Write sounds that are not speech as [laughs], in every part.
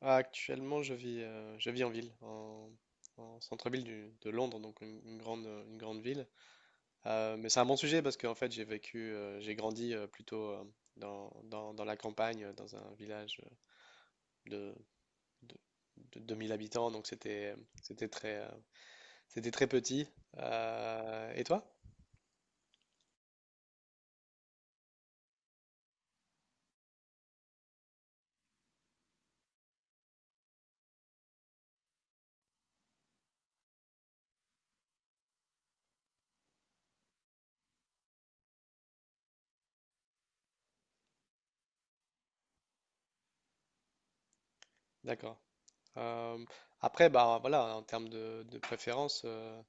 Ah, actuellement, je vis en ville, en centre-ville de Londres, donc une grande ville. Mais c'est un bon sujet parce qu'en fait, j'ai grandi plutôt dans la campagne, dans un village de, de, de 2000 habitants, donc c'était très, euh, c'était très petit. Et toi? D'accord. Euh, Après, bah voilà, en termes de préférence.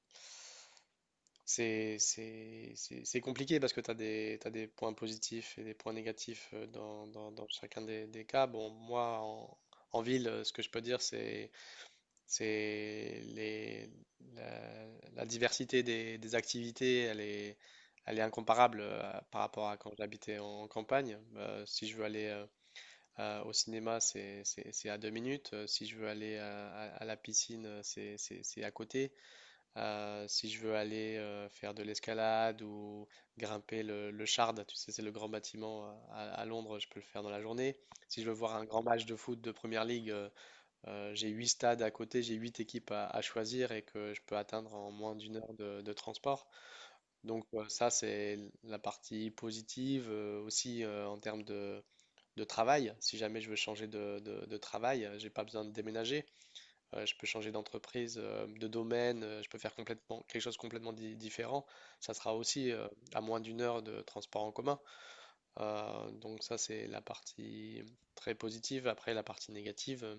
C'est compliqué parce que t'as des points positifs et des points négatifs dans chacun des cas. Bon, moi, en ville, ce que je peux dire, c'est c'est les- la, la diversité des activités, elle est incomparable par rapport à quand j'habitais en campagne. Si je veux aller au cinéma, c'est à 2 minutes. Si je veux aller à la piscine, c'est à côté. Si je veux aller faire de l'escalade ou grimper le Shard, tu sais, c'est le grand bâtiment à Londres, je peux le faire dans la journée. Si je veux voir un grand match de foot de Première Ligue, j'ai huit stades à côté, j'ai huit équipes à choisir et que je peux atteindre en moins d'une heure de transport. Donc ça, c'est la partie positive aussi en termes de travail. Si jamais je veux changer de travail, j'ai pas besoin de déménager. Je peux changer d'entreprise, de domaine, je peux faire complètement quelque chose complètement différent. Ça sera aussi à moins d'une heure de transport en commun. Donc ça, c'est la partie très positive. Après, la partie négative,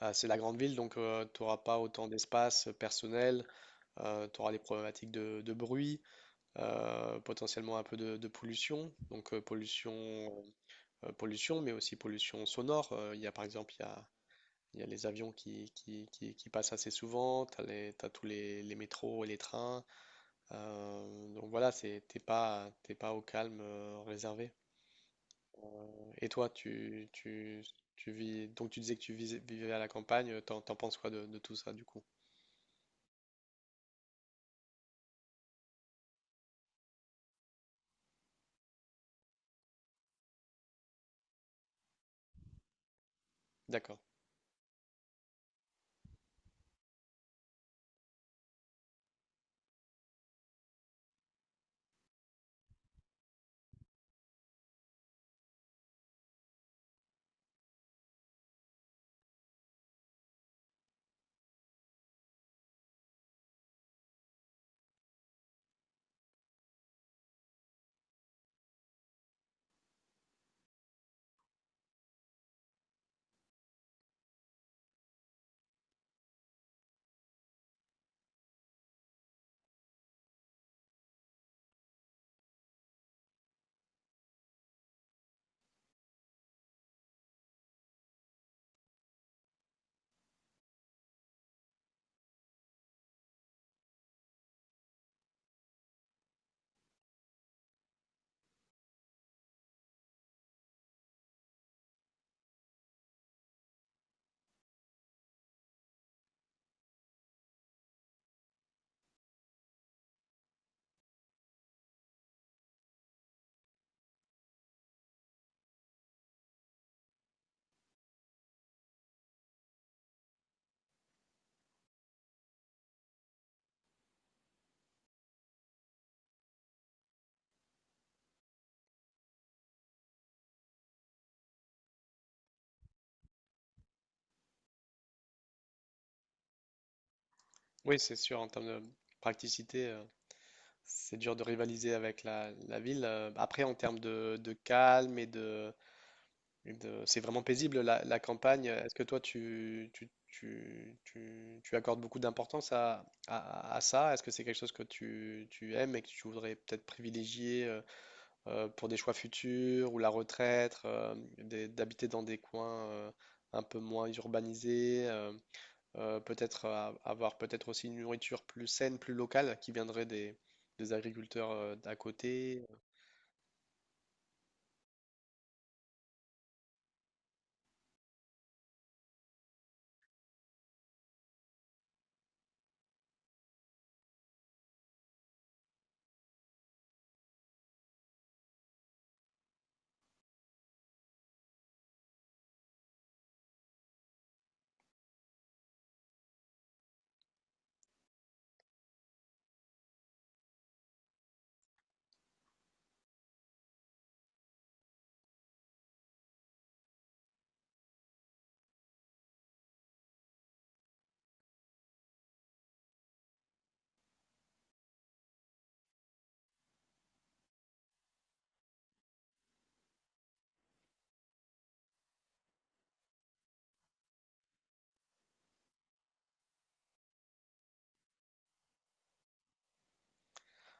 ah, c'est la grande ville, donc tu n'auras pas autant d'espace personnel, tu auras des problématiques de bruit, potentiellement un peu de pollution, donc pollution, mais aussi pollution sonore. Il y a par exemple, il y a les avions qui passent assez souvent, t'as tous les métros et les trains. Donc voilà, t'es pas au calme réservé. Et toi, tu vis, donc tu disais que tu vivais à la campagne, t'en penses quoi de tout ça du coup? D'accord. Oui, c'est sûr, en termes de praticité, c'est dur de rivaliser avec la ville. Après, en termes de calme c'est vraiment paisible la campagne. Est-ce que toi tu accordes beaucoup d'importance à ça? Est-ce que c'est quelque chose que tu aimes et que tu voudrais peut-être privilégier pour des choix futurs ou la retraite, d'habiter dans des coins un peu moins urbanisés, peut-être avoir peut-être aussi une nourriture plus saine, plus locale qui viendrait des agriculteurs d'à côté?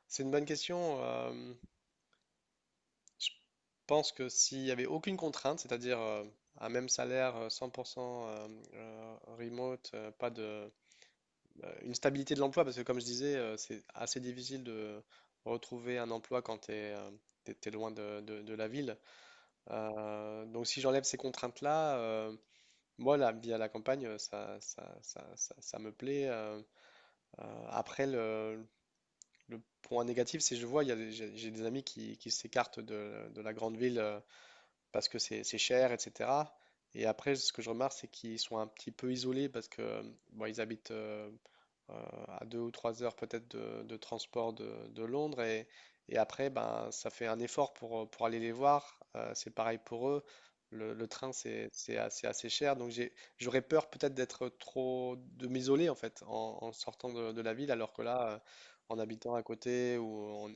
C'est une bonne question. Je pense que s'il n'y avait aucune contrainte, c'est-à-dire un même salaire, 100% remote, pas de, une stabilité de l'emploi, parce que comme je disais, c'est assez difficile de retrouver un emploi quand tu es loin de la ville. Donc si j'enlève ces contraintes-là, moi, la vie à la campagne, ça me plaît. Après, le point négatif, c'est que je vois, il y a des- j'ai des amis qui s'écartent de la grande ville parce que c'est cher, etc. Et après, ce que je remarque, c'est qu'ils sont un petit peu isolés parce que bon, ils habitent euh, à 2 ou 3 heures peut-être de transport de Londres et après, ben, ça fait un effort pour aller les voir. C'est pareil pour eux. Le train, c'est assez cher. Donc j'aurais peur peut-être d'être trop, de m'isoler en fait en sortant de la ville, alors que là, en habitant à côté ou en,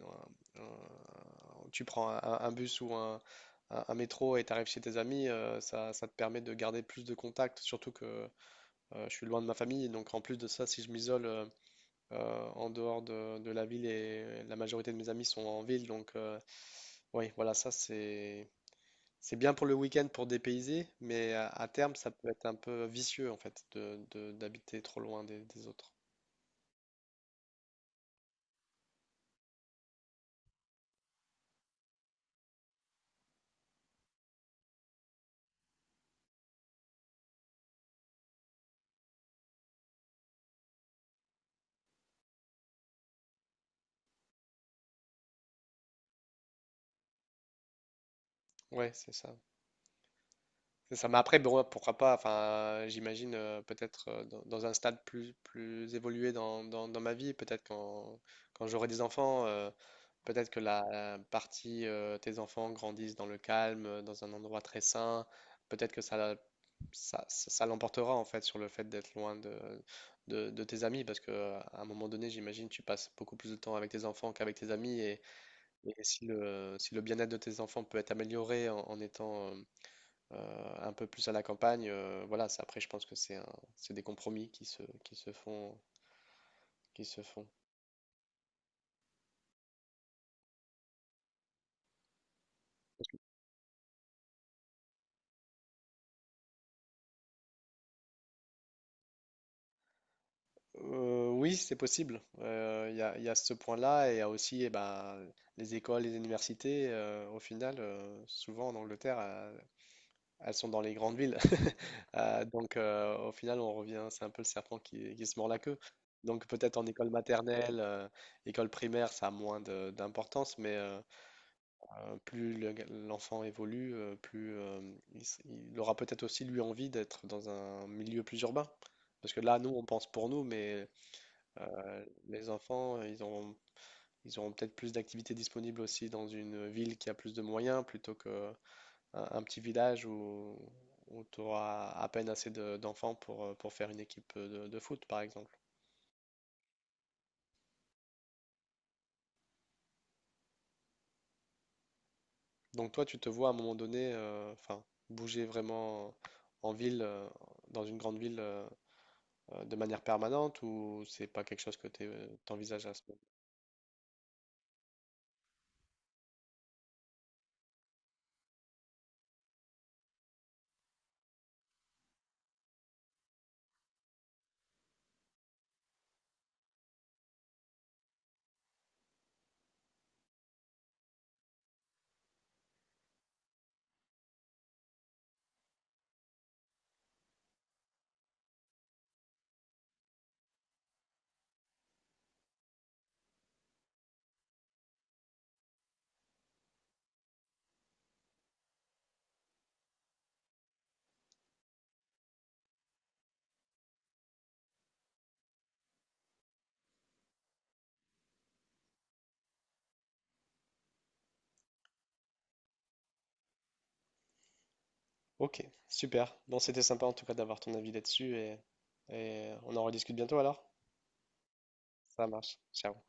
tu prends un bus ou un métro et tu arrives chez tes amis, ça, ça te permet de garder plus de contacts, surtout que je suis loin de ma famille. Donc en plus de ça, si je m'isole en dehors de la ville et la majorité de mes amis sont en ville, donc oui, voilà, ça c'est bien pour le week-end pour dépayser, mais à terme, ça peut être un peu vicieux en fait d'habiter trop loin des autres. Ouais, c'est ça. C'est ça. Mais après, bon, pourquoi pas, enfin, j'imagine peut-être dans un stade plus évolué dans ma vie, peut-être quand j'aurai des enfants, peut-être que la partie tes enfants grandissent dans le calme, dans un endroit très sain, peut-être que ça l'emportera en fait sur le fait d'être loin de tes amis, parce que à un moment donné, j'imagine, tu passes beaucoup plus de temps avec tes enfants qu'avec tes amis, et si si le bien-être de tes enfants peut être amélioré en étant un peu plus à la campagne. Voilà, ça, après, je pense que c'est des compromis qui se font. Oui, c'est possible. Il y a ce point-là et il y a aussi eh ben, les écoles, les universités. Au final, souvent en Angleterre, elles sont dans les grandes villes. [laughs] Donc, au final, on revient, c'est un peu le serpent qui se mord la queue. Donc, peut-être en école maternelle, école primaire, ça a moins d'importance, mais plus l'enfant évolue, plus il aura peut-être aussi lui envie d'être dans un milieu plus urbain. Parce que là, nous, on pense pour nous, mais les enfants, ils auront peut-être plus d'activités disponibles aussi dans une ville qui a plus de moyens plutôt que un petit village où, tu auras à peine assez d'enfants pour faire une équipe de foot, par exemple. Donc toi, tu te vois à un moment donné, enfin, bouger vraiment en ville, dans une grande ville. De manière permanente ou c'est pas quelque chose que tu t'envisages à ce moment? Ok, super. Bon, c'était sympa en tout cas d'avoir ton avis là-dessus et on en rediscute bientôt alors. Ça marche. Ciao.